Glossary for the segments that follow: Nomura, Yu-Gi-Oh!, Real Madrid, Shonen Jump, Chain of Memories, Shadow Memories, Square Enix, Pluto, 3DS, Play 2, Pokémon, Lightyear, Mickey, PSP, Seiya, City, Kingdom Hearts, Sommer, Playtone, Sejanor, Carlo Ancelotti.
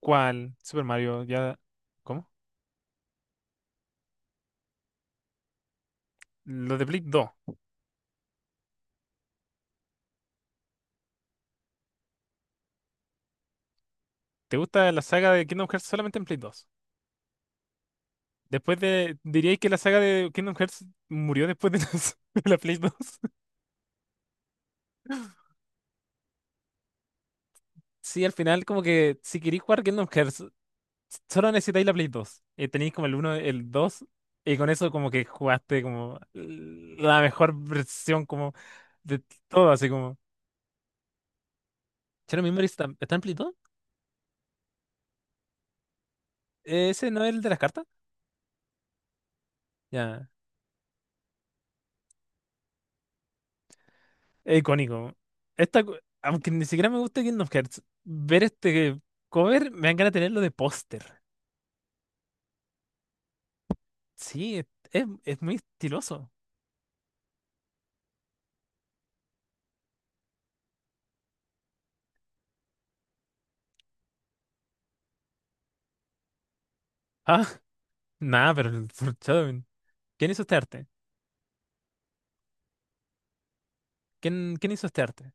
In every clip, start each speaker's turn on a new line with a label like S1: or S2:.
S1: ¿Cuál? Super Mario, ya. ¿Cómo? Los de Play 2. ¿Te gusta la saga de Kingdom Hearts solamente en Play 2? Después de. ¿Diríais que la saga de Kingdom Hearts murió después de de la Play 2? Sí, al final, como que si queréis jugar Kingdom Hearts, solo necesitáis la Play 2. Tenéis como el uno, el 2 y con eso, como que jugaste como la mejor versión, como de todo, así como. ¿Shadow Memories está, está en Play 2? ¿Ese no es el de las cartas? Ya. Es icónico. Esta, aunque ni siquiera me gusta Kingdom Hearts, ver este cover me dan ganas de tenerlo de póster. Sí, es, es muy estiloso. Ah, nada, pero el Lord ¿quién hizo este arte? ¿Quién hizo este arte?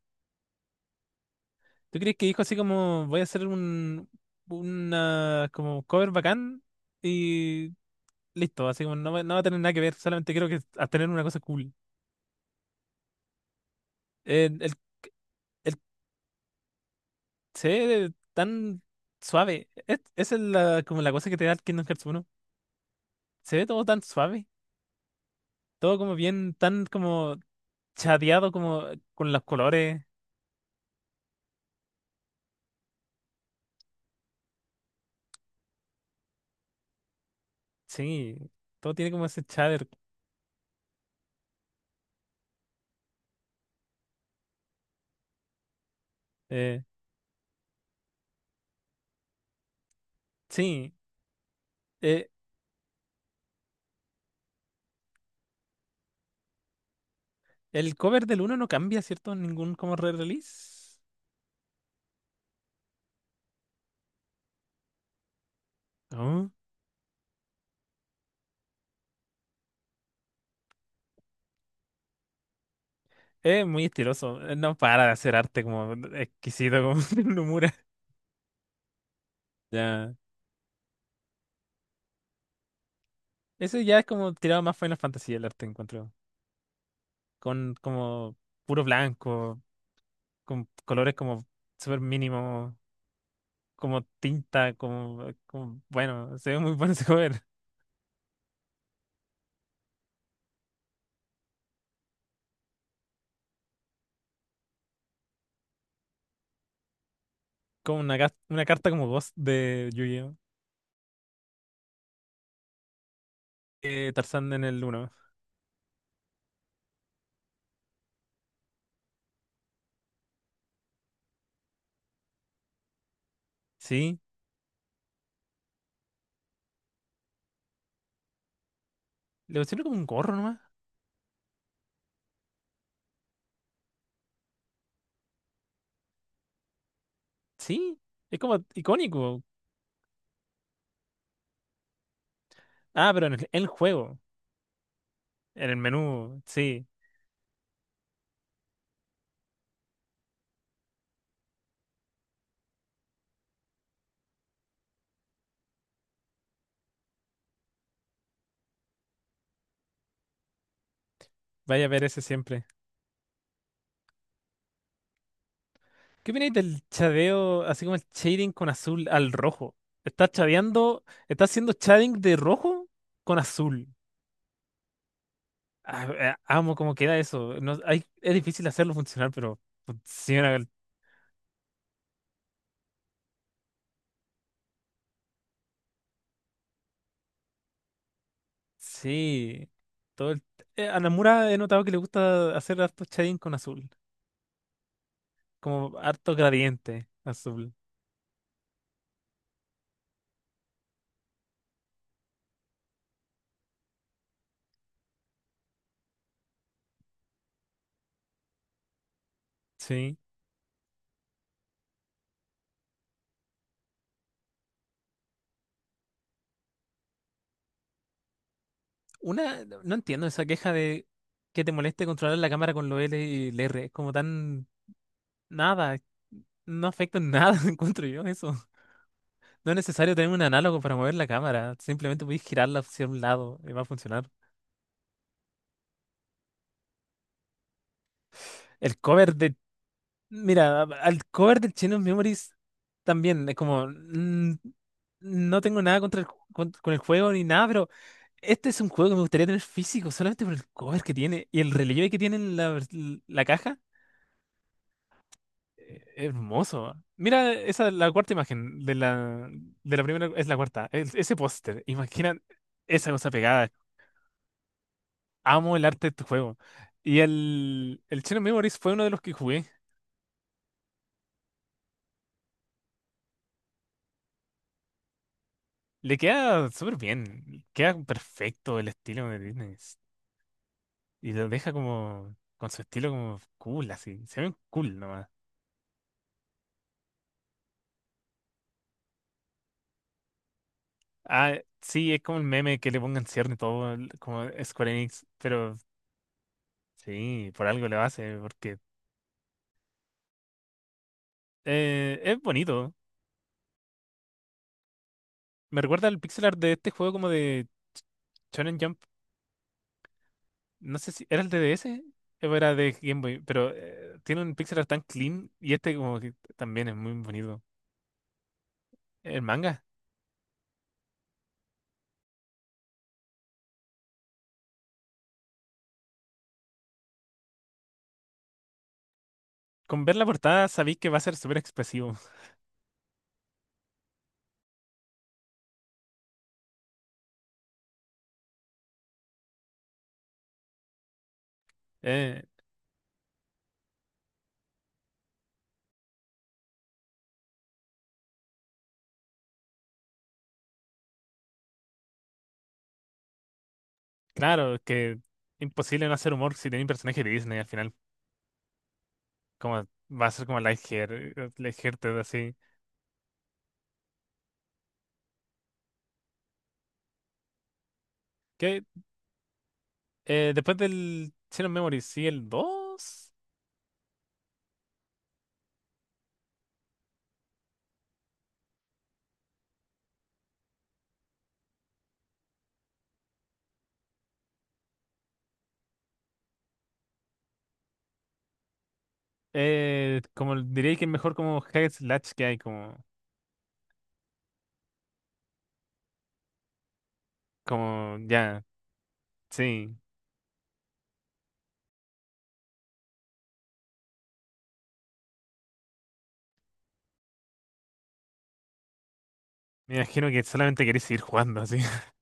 S1: ¿Tú crees que dijo así como voy a hacer un una como cover bacán y listo? Así como no, va no va a tener nada que ver, solamente quiero que a tener una cosa cool. El, el, el se ve tan suave. Esa es la, como la cosa que te da el Kingdom Hearts uno. Se ve todo tan suave, todo como bien, tan como chadeado, como con los colores. Sí, todo tiene como ese shader. Eh, sí, eh, el cover del uno no cambia, ¿cierto? Ningún como re-release. No. Es muy estiloso, no para de hacer arte como exquisito, como Nomura. Ya. Eso ya es como tirado más Final Fantasy el arte, encuentro. Con como puro blanco, con colores como súper mínimos, como tinta, como, como- bueno, se ve muy bueno ese cover. Como una, una carta como voz de Yu-Gi-Oh! Tarzán en el 1. Sí, le pusieron como un gorro nomás. Sí, es como icónico. Ah, pero en el juego, en el menú, sí, vaya a ver ese siempre. ¿Qué opináis del chadeo, así como el shading con azul al rojo? Estás chadeando, estás haciendo shading de rojo con azul. Amo cómo queda eso. No, hay, es difícil hacerlo funcionar, pero... Funciona. Sí, todo el... a Namura he notado que le gusta hacer harto shading con azul, como harto gradiente azul. Sí. Una, no entiendo esa queja de que te moleste controlar la cámara con los L y el R, es como tan nada, no afecta en nada, encuentro yo eso. No es necesario tener un análogo para mover la cámara, simplemente puedes girarla hacia un lado y va a funcionar. El cover de. Mira, al cover del Chain of Memories también es como no tengo nada contra el, con el juego ni nada, pero este es un juego que me gustaría tener físico solamente por el cover que tiene y el relieve que tiene en la, la caja. Hermoso. Mira, esa es la cuarta imagen de la primera, es la cuarta. Ese póster, imagina esa cosa pegada. Amo el arte de este juego. Y el Chain of Memories fue uno de los que jugué. Le queda súper bien, queda perfecto el estilo de Disney. Y lo deja como con su estilo como cool, así. Se ven cool nomás. Ah, sí, es como el meme que le pongan cierre y todo, como Square Enix, pero sí, por algo lo hace, porque es bonito. Me recuerda al pixel art de este juego como de Shonen Jump. No sé si era el de DS o era de Game Boy, pero tiene un pixel art tan clean y este como que también es muy bonito. El manga, con ver la portada sabéis que va a ser súper expresivo. Eh, claro, que imposible no hacer humor si tenéis un personaje de Disney al final. Como va a ser como Lightyear, Lightyear te da así. Que después del Shadow Memory, sí, el dos. Como diría que es mejor como hack and slash que hay, como, como ya, sí. Me imagino que solamente queréis seguir jugando así.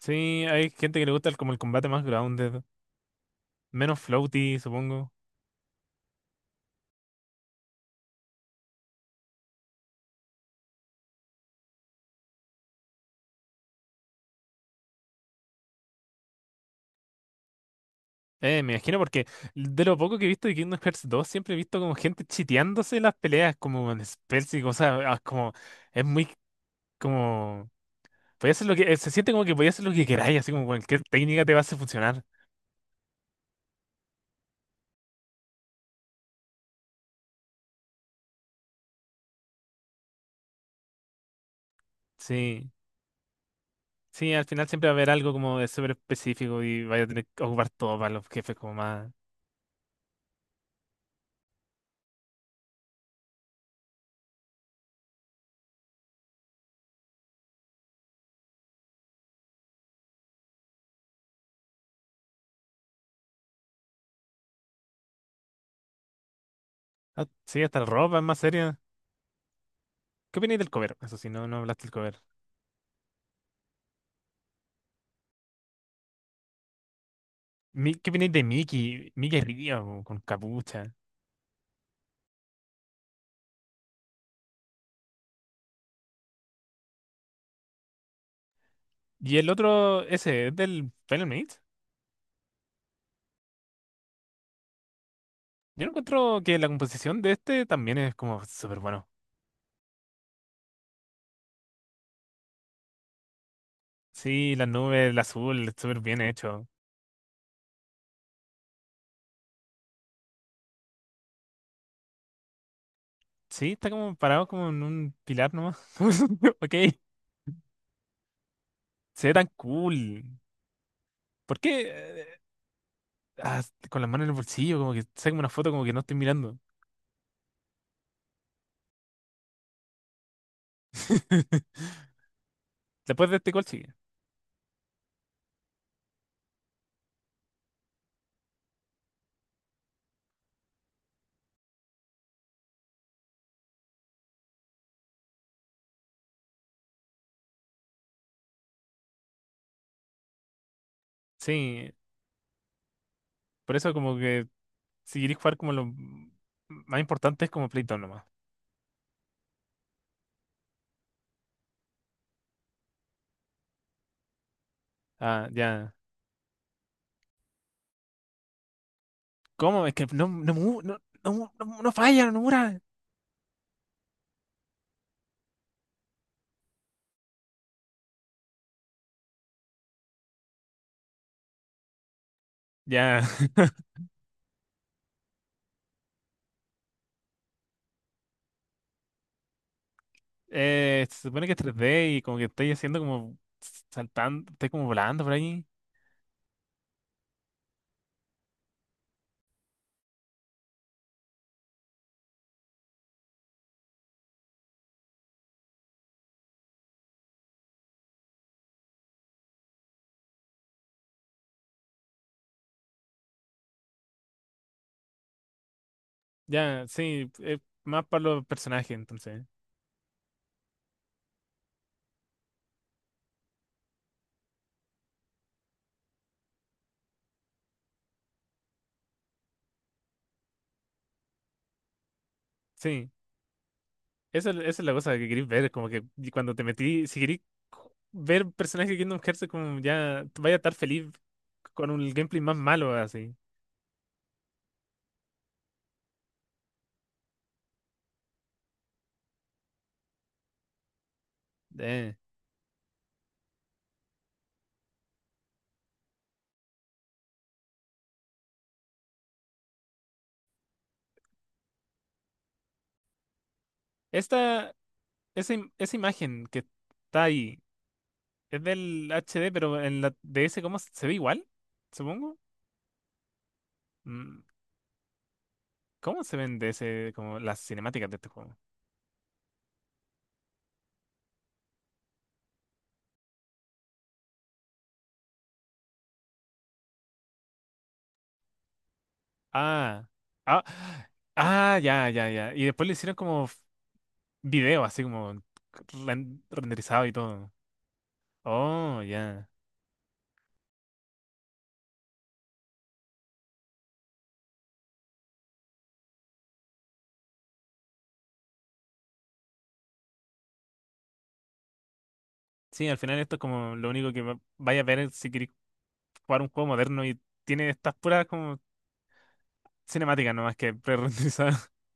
S1: Sí, hay gente que le gusta como el combate más grounded, menos floaty, supongo. Me imagino porque de lo poco que he visto de Kingdom Hearts 2 siempre he visto como gente chiteándose en las peleas, como en spells y cosas, ah, como, es muy como, podía hacer lo que, se siente como que podía hacer lo que queráis, así como cualquier técnica te va a hacer funcionar. Sí, sí, al final siempre va a haber algo como de súper específico y vaya a tener que ocupar todo para los jefes como más, ah, sí, hasta la ropa es más seria. ¿Qué opináis del cover? Eso sí, no, no hablaste del cover. ¿Qué opináis de Mickey? Mickey Río con capucha. Y el otro, ese, ¿es del Final Mate? Yo encuentro que la composición de este también es como súper bueno. Sí, las nubes, el azul, súper bien hecho. Sí, está como parado como en un pilar nomás. Ok, se ve tan cool. ¿Por qué? Ah, con las manos en el bolsillo, como que saca una foto como que no estoy mirando. Después de este gol sigue. Sí, por eso como que si queréis jugar como lo más importante es como Playtone nomás. Ah, ya. ¿Cómo? Es que no falla, no mura. Ya. Se supone que es 3D y como que estoy haciendo como saltando, estoy como volando por ahí. Ya, sí, es más para los personajes, entonces. Sí, esa es la cosa que queréis ver, como que y cuando te metí, si queréis ver personajes de Kingdom Hearts, como ya tú vaya a estar feliz con un gameplay más malo, así. Eh, Esta, Esa imagen que está ahí, es del HD, pero en la DS, ¿cómo se ve igual? Supongo. Mm, ¿Cómo se ven DS como las cinemáticas de este juego? Ah, ah, ya. Y después le hicieron como video, así como renderizado y todo. Oh, ya. Sí, al final esto es como lo único que vaya a ver es si queréis jugar un juego moderno y tiene estas puras como cinemáticas nomás que pre-renderizadas.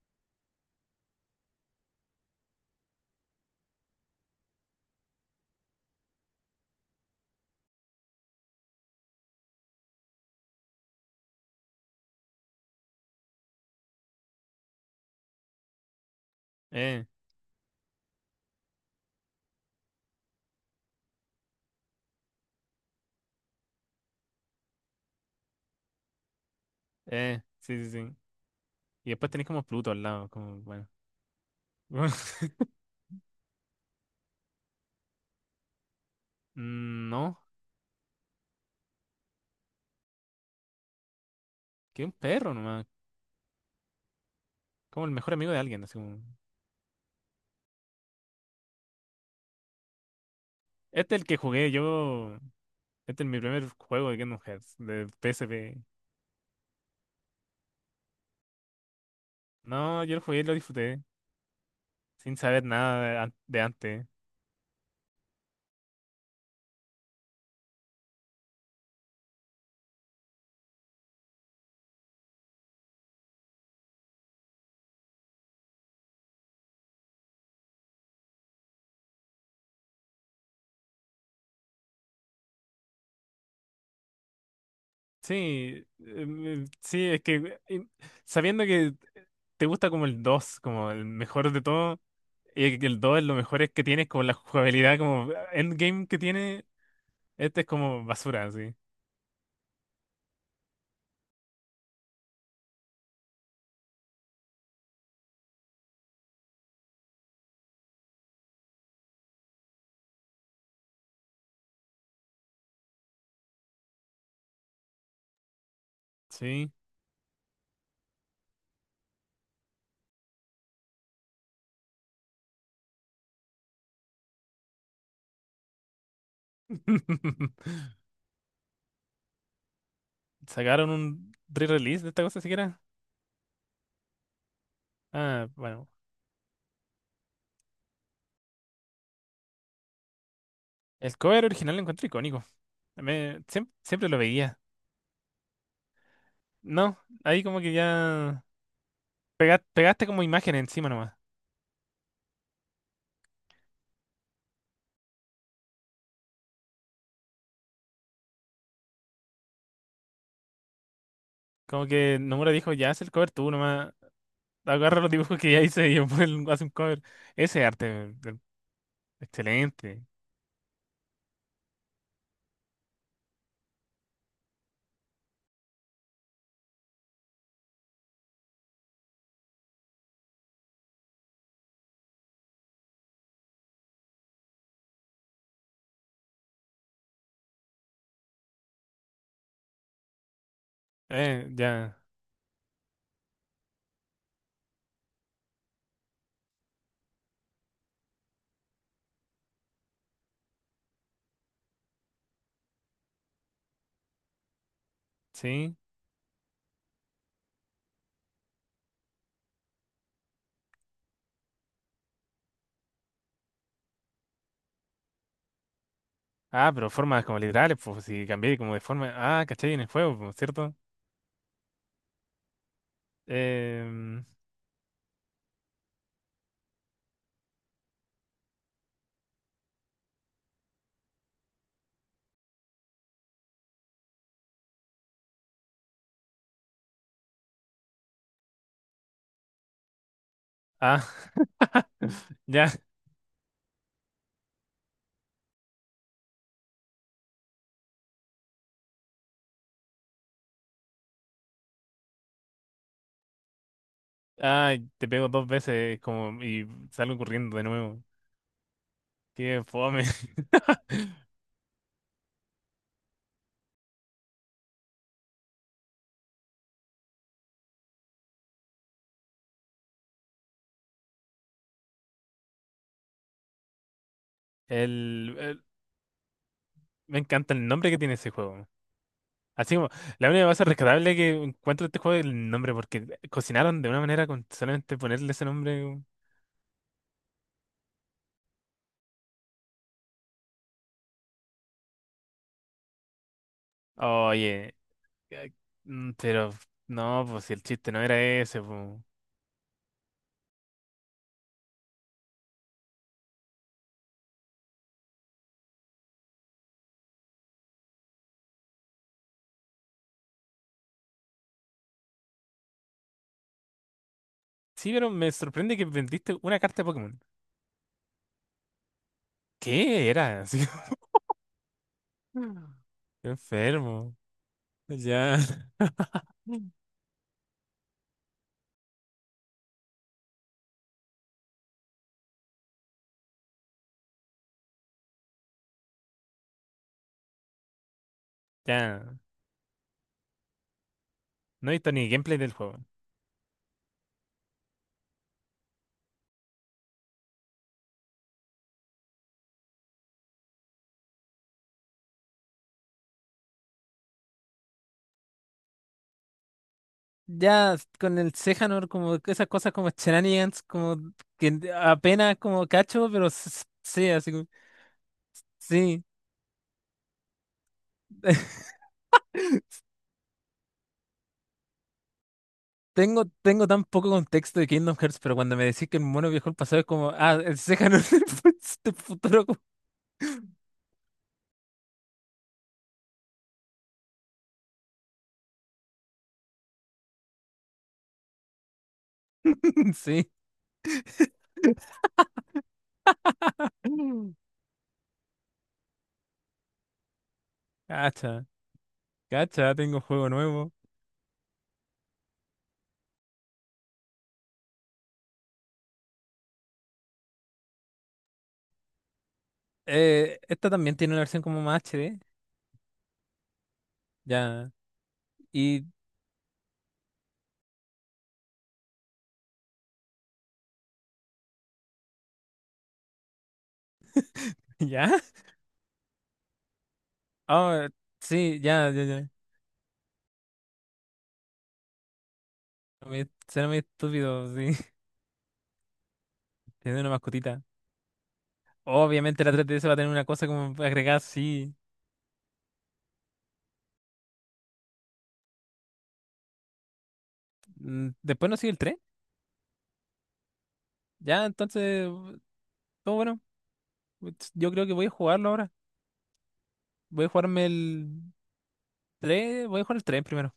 S1: Eh, sí, sí, sí. Y después tenéis como Pluto al lado, como, bueno. Mm, no, que un perro nomás, como el mejor amigo de alguien, así como... Este es el que jugué yo, este es mi primer juego de Kingdom Hearts, de PSP. No, yo el jugué y lo disfruté, sin saber nada de, de antes. Sí, sí, es que sabiendo que te gusta como el 2 como el mejor de todo, y que el 2 es lo mejor es que tienes, como la jugabilidad, como endgame que tiene, este es como basura, así. Sí. ¿Sacaron un re-release de esta cosa siquiera? Ah, bueno. El cover original lo encuentro icónico. Siempre lo veía. No, ahí como que ya pegaste como imágenes encima nomás. Como que Nomura dijo, ya haz el cover tú, nomás agarra los dibujos que ya hice y después hace un cover. Ese arte, eh, excelente. Ya, sí. Ah, pero formas como literales, pues si cambié como de forma. Ah, caché en el juego, pues, ¿cierto? Em, ah, ya. Ah, te pego dos veces como y salgo corriendo de nuevo. Qué fome. El, el- Me encanta el nombre que tiene ese juego. Así como, la única cosa rescatable que encuentro de este juego es el nombre, porque cocinaron de una manera con solamente ponerle ese nombre, weón. Oye, eh, pero no, pues si el chiste no era ese, pues. Sí, pero me sorprende que vendiste una carta de Pokémon. ¿Qué era? Así como, Mm. Qué enfermo. Ya, Mm. Ya. No he visto ni gameplay del juego. Ya con el Sejanor, como que esas cosas como shenanigans, como que apenas como cacho, pero sí, así como, sí. Tengo tan poco contexto de Kingdom Hearts, pero cuando me decís que el mono viajó al pasado es como, ah, el Seiya es del del futuro. Sí. Cacha, cacha, tengo juego nuevo. Esta también tiene una versión como más HD. Ya. Y ya. Ah, sí, ya, ya, ya. No Me- Suena muy estúpido, sí. Tiene una mascotita. Obviamente la 3DS va a tener una cosa como agregada, sí. Mm, después no sigue el 3. Ya, entonces, todo bueno. Yo creo que voy a jugarlo ahora. Voy a jugarme el 3. Voy a jugar el 3 primero.